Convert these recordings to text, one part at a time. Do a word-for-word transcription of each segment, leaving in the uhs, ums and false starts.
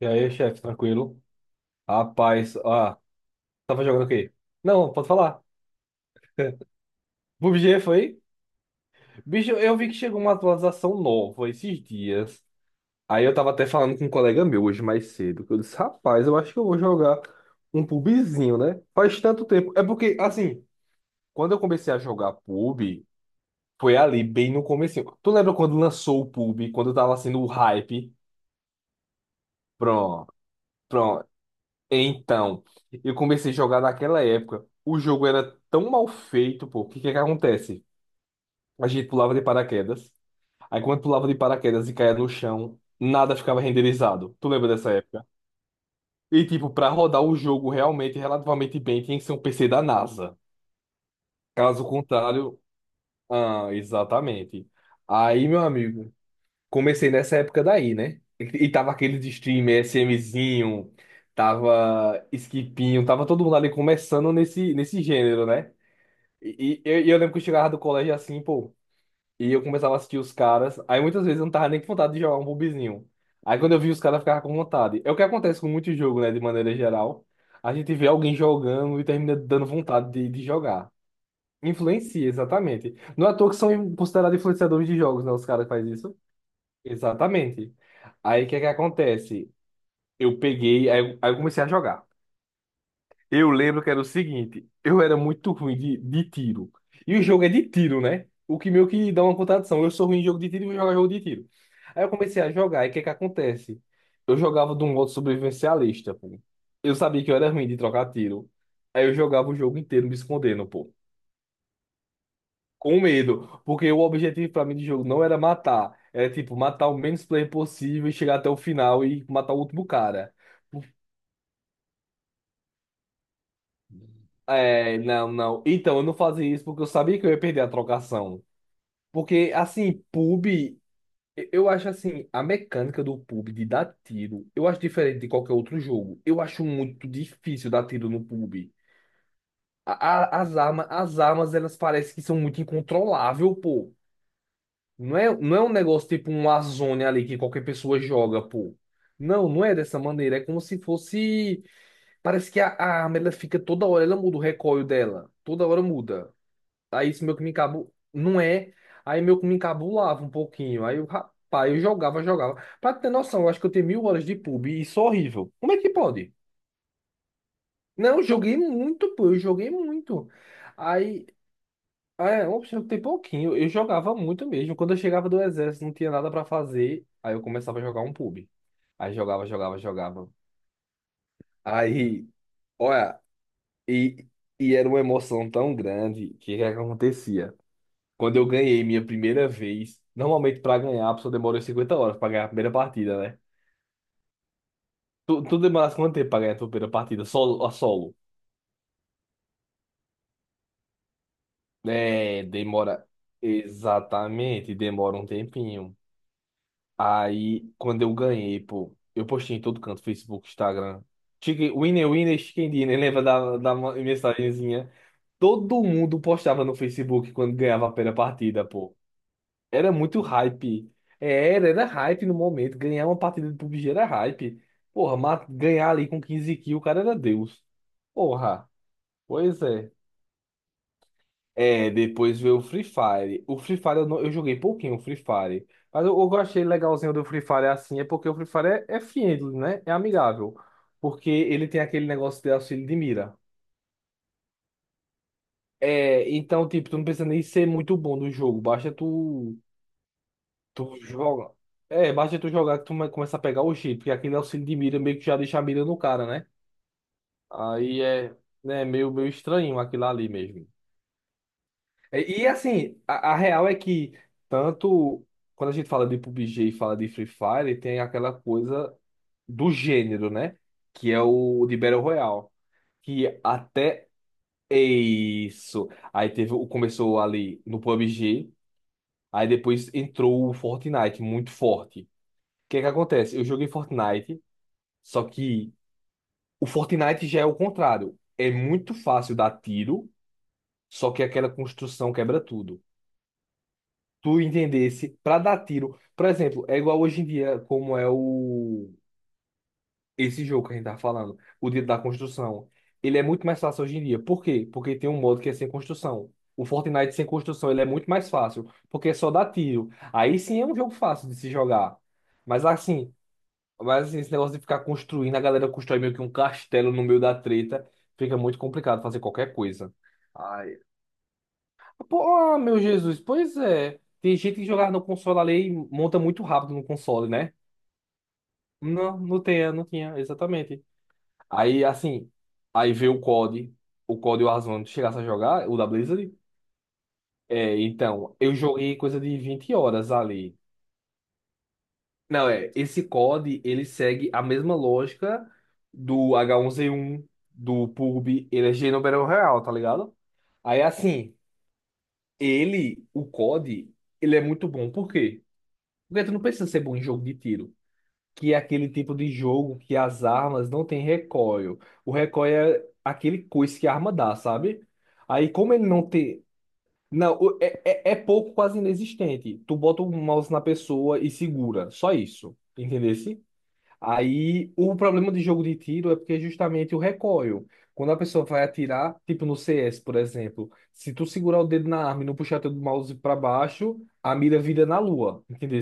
E aí, chefe, tranquilo? Rapaz, ah, tava jogando o quê? Não, pode falar. pabg foi? Bicho, eu vi que chegou uma atualização nova esses dias. Aí eu tava até falando com um colega meu hoje mais cedo, que eu disse, rapaz, eu acho que eu vou jogar um PUBGzinho, né? Faz tanto tempo. É porque, assim, quando eu comecei a jogar pab, foi ali, bem no comecinho. Tu lembra quando lançou o pab, quando tava sendo o hype? Pronto. Pronto, Então, eu comecei a jogar naquela época. O jogo era tão mal feito, pô. O que que que acontece? A gente pulava de paraquedas. Aí quando pulava de paraquedas e caía no chão, nada ficava renderizado. Tu lembra dessa época? E tipo, pra rodar o jogo realmente, relativamente bem, tinha que ser um P C da NASA. Caso contrário, ah, exatamente. Aí, meu amigo, comecei nessa época daí, né? E, e tava aquele de streamer, SMzinho, tava Skipinho, tava todo mundo ali começando nesse, nesse gênero, né? E, e eu, e eu lembro que eu chegava do colégio assim, pô, e eu começava a assistir os caras, aí muitas vezes eu não tava nem com vontade de jogar um bobizinho. Aí quando eu vi os caras, eu ficava com vontade. É o que acontece com muito jogo, né, de maneira geral. A gente vê alguém jogando e termina dando vontade de, de jogar. Influencia, exatamente. Não é à toa que são considerados influenciadores de jogos, né, os caras que fazem isso. Exatamente. Aí o que é que acontece? Eu peguei, aí eu, aí eu comecei a jogar. Eu lembro que era o seguinte, eu era muito ruim de, de tiro. E o jogo é de tiro, né? O que meio que dá uma contradição. Eu sou ruim em jogo de tiro e vou jogar jogo de tiro. Aí eu comecei a jogar, e o que é que acontece? Eu jogava de um modo sobrevivencialista, pô. Eu sabia que eu era ruim de trocar tiro. Aí eu jogava o jogo inteiro me escondendo, pô. Com medo, porque o objetivo pra mim do jogo não era matar, era tipo matar o menos player possível e chegar até o final e matar o último cara. É, não, não. Então, eu não fazia isso porque eu sabia que eu ia perder a trocação. Porque, assim, pub, eu acho assim, a mecânica do pub de dar tiro, eu acho diferente de qualquer outro jogo. Eu acho muito difícil dar tiro no pub. A- a- as armas, as armas, elas parecem que são muito incontroláveis, pô. Não é, não é um negócio tipo um Warzone ali que qualquer pessoa joga, pô. Não, não é dessa maneira. É como se fosse. Parece que a, a arma ela fica toda hora, ela muda o recoil dela. Toda hora muda. Aí isso meio que me encabu. Não é. Aí meio que me encabulava um pouquinho. Aí eu, rapaz, eu jogava, jogava. Pra ter noção, eu acho que eu tenho mil horas de pub e isso é horrível. Como é que pode? Não, eu joguei muito, pô. Eu joguei muito. Aí ah, é, opção tem pouquinho. Eu jogava muito mesmo. Quando eu chegava do exército, não tinha nada pra fazer. Aí eu começava a jogar um pub. Aí jogava, jogava, jogava. Aí, olha, e, e era uma emoção tão grande que o que é que acontecia? Quando eu ganhei minha primeira vez, normalmente pra ganhar, a pessoa demora cinquenta horas pra ganhar a primeira partida, né? Tu, tu demorasse quanto tempo pra ganhar a tua primeira partida? Solo, a solo? É, demora. Exatamente, demora um tempinho. Aí, quando eu ganhei, pô, eu postei em todo canto, Facebook, Instagram. Chicken, winner, winner, chicken dinner, lembra da, da ma- mensagenzinha? Todo mundo postava no Facebook quando ganhava a primeira partida, pô. Era muito hype. É, Era, era hype no momento. Ganhar uma partida de pabg era hype. Porra, ma- ganhar ali com quinze kills, o cara era Deus. Porra, pois é. É, depois veio o Free Fire. O Free Fire eu, não- eu joguei pouquinho o Free Fire. Mas eu, eu achei legalzinho do Free Fire assim, é porque o Free Fire é, é friendly, né? É amigável. Porque ele tem aquele negócio de auxílio de mira. É, então, tipo, tu não precisa nem ser muito bom no jogo. Basta tu, tu joga. É, basta tu jogar que tu come- começa a pegar o jeito. Porque aquele auxílio de mira meio que já deixa a mira no cara, né? Aí é, né, meio, meio estranho aquilo ali mesmo. E e, assim, a, a real é que tanto quando a gente fala de pabg e fala de Free Fire, tem aquela coisa do gênero, né? Que é o de Battle Royale. Que até isso. Aí teve, o- começou ali no pabg, aí depois entrou o Fortnite, muito forte. O que é que acontece? Eu joguei Fortnite, só que o Fortnite já é o contrário. É muito fácil dar tiro, só que aquela construção quebra tudo. Tu entendesse pra dar tiro. Por exemplo, é igual hoje em dia, como é o esse jogo que a gente tá falando, o Dia da Construção. Ele é muito mais fácil hoje em dia. Por quê? Porque tem um modo que é sem construção. O Fortnite sem construção, ele é muito mais fácil, porque é só dar tiro. Aí sim é um jogo fácil de se jogar. Mas assim, mas assim, esse negócio de ficar construindo, a galera constrói meio que um castelo no meio da treta, fica muito complicado fazer qualquer coisa. Pô, ah, meu Jesus, pois é. Tem gente que jogar no console ali e monta muito rápido no console, né? Não, não tinha, não tinha, exatamente. Aí, assim, aí veio o cód, o cód e o Warzone, tu chegasse a jogar, o da Blizzard. É, então, eu joguei coisa de vinte horas ali. Não, é, esse cód, ele segue a mesma lógica do H um Z um, do pabg, ele é Geno Battle Royale, tá ligado? Aí, assim, ele, o cód, ele é muito bom, por quê? Porque tu não precisa ser bom em jogo de tiro, que é aquele tipo de jogo que as armas não têm recoil. O recoil é aquele coice que a arma dá, sabe? Aí, como ele não tem. Não, o- é, é, é pouco, quase inexistente. Tu bota o mouse na pessoa e segura, só isso. Entendesse? Aí, o problema de jogo de tiro é porque é justamente o recoil. Quando a pessoa vai atirar, tipo no C S, por exemplo, se tu segurar o dedo na arma e não puxar teu mouse pra baixo, a mira vira na lua, entendeu?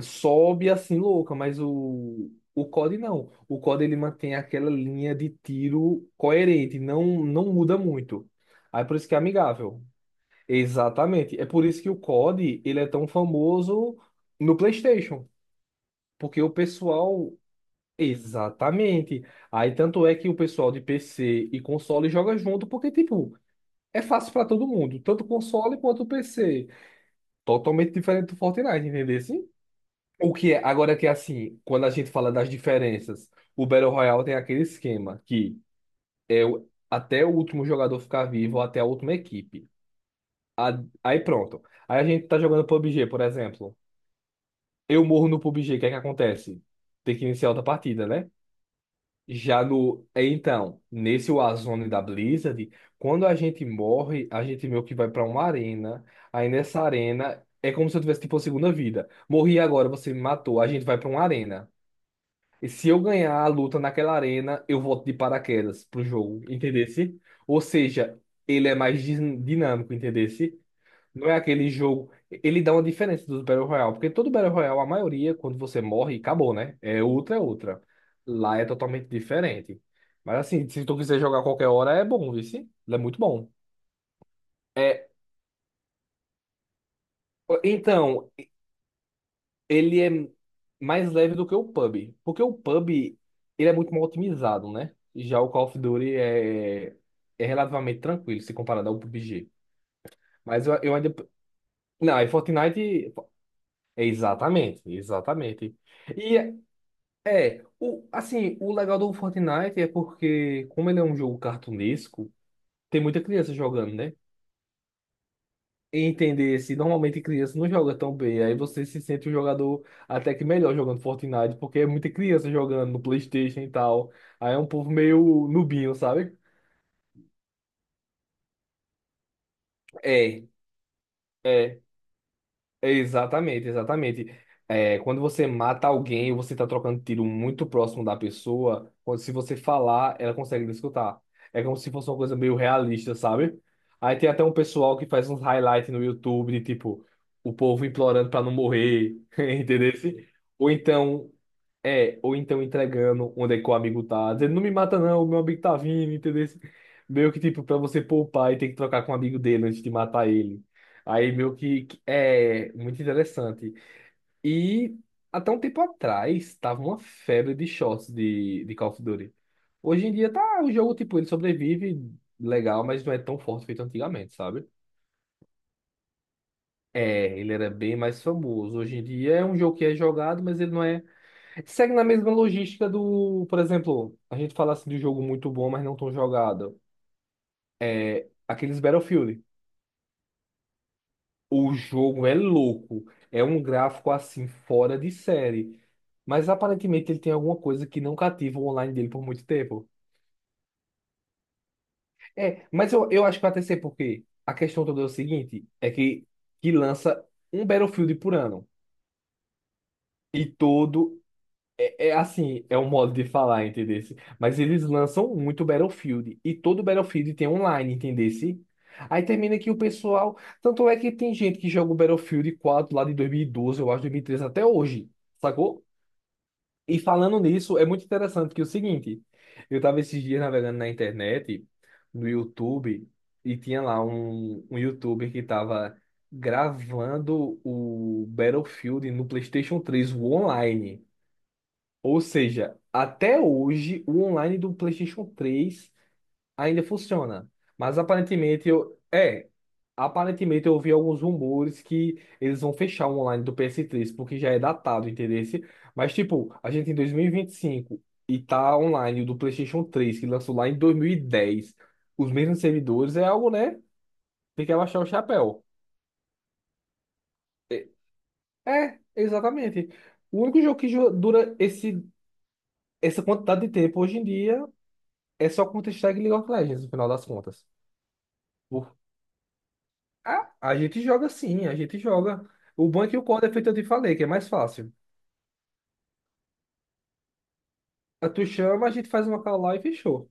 Sobe assim louca, mas o, o cód não. O cód ele mantém aquela linha de tiro coerente, não, não muda muito. Aí por isso que é amigável. Exatamente. É por isso que o cód ele é tão famoso no PlayStation, porque o pessoal. Exatamente. Aí tanto é que o pessoal de P C e console joga junto, porque tipo, é fácil para todo mundo, tanto console quanto P C. Totalmente diferente do Fortnite, entendeu? Assim, o que é? Agora que é assim, quando a gente fala das diferenças, o Battle Royale tem aquele esquema que é o- até o último jogador ficar vivo, ou até a última equipe. A- Aí pronto. Aí a gente tá jogando pabg, por exemplo. Eu morro no pabg, o que é que acontece? Tem que iniciar outra partida, né? Já no. É, então, nesse Warzone da Blizzard, quando a gente morre, a gente meio que vai pra uma arena. Aí nessa arena é como se eu tivesse tipo a segunda vida. Morri agora, você me matou, a gente vai pra uma arena. E se eu ganhar a luta naquela arena, eu volto de paraquedas pro jogo, entendesse? Ou seja, ele é mais din- dinâmico, entendesse? Não é aquele jogo. Ele dá uma diferença dos Battle Royale, porque todo Battle Royale, a maioria, quando você morre, acabou, né? É outra, é outra. Lá é totalmente diferente. Mas assim, se tu quiser jogar qualquer hora, é bom, viu? Sim? É muito bom. É, então, ele é mais leve do que o pub porque o pub ele é muito mal otimizado, né? Já o Call of Duty é, é relativamente tranquilo se comparado ao pabg. Mas eu, eu ainda. Não, é Fortnite. É, exatamente, exatamente. E é, o, assim, o legal do Fortnite é porque, como ele é um jogo cartunesco, tem muita criança jogando, né? Entender se normalmente criança não joga tão bem. Aí você se sente um jogador até que melhor jogando Fortnite, porque é muita criança jogando no PlayStation e tal. Aí é um povo meio nubinho, sabe? É, é. Exatamente, exatamente. É, quando você mata alguém, você está trocando tiro muito próximo da pessoa. Quando, se você falar, ela consegue lhe escutar. É como se fosse uma coisa meio realista, sabe? Aí tem até um pessoal que faz uns highlights no YouTube de tipo, o povo implorando para não morrer, entendeu? Ou então, é, ou então entregando onde é que o amigo tá, dizendo, não me mata não, meu amigo tá vindo, entendeu? Meio que tipo, para você poupar e ter que trocar com o amigo dele antes de matar ele. Aí meio que que é muito interessante. E até um tempo atrás tava uma febre de shorts de, de Call of Duty. Hoje em dia tá o jogo, tipo, ele sobrevive legal, mas não é tão forte feito antigamente, sabe? É, ele era bem mais famoso. Hoje em dia é um jogo que é jogado, mas ele não é. Segue na mesma logística do, por exemplo, a gente fala assim de um jogo muito bom, mas não tão jogado. É aqueles Battlefield. O jogo é louco. É um gráfico assim, fora de série. Mas aparentemente ele tem alguma coisa que não cativa o online dele por muito tempo. É, mas eu, eu acho que vai até ser porque a questão toda é o seguinte: é que, que lança um Battlefield por ano. E todo. É, é assim, é um modo de falar, entendesse? Mas eles lançam muito Battlefield. E todo Battlefield tem online, entendesse? Aí termina que o pessoal. Tanto é que tem gente que joga o Battlefield quatro lá de dois mil e doze, eu acho, dois mil e treze até hoje, sacou? E falando nisso, é muito interessante que é o seguinte: eu tava esses dias navegando na internet, no YouTube, e tinha lá um, um YouTuber que tava gravando o Battlefield no PlayStation três, o online. Ou seja, até hoje o online do PlayStation três ainda funciona. Mas aparentemente eu. É, aparentemente eu ouvi alguns rumores que eles vão fechar o online do ps três porque já é datado, entendeu? Mas, tipo, a gente em dois mil e vinte e e cinco e tá online o do PlayStation três que lançou lá em dois mil e dez, os mesmos servidores, é algo, né? Tem que abaixar o chapéu. É, é, exatamente. O único jogo que jo- dura esse, essa quantidade de tempo hoje em dia é só Counter-Strike e League of Legends, no final das contas. O- Ah, a gente joga sim, a gente joga. O bom é que o código é feito, eu te falei, que é mais fácil. Ah, tu chama, a gente faz uma call lá e fechou.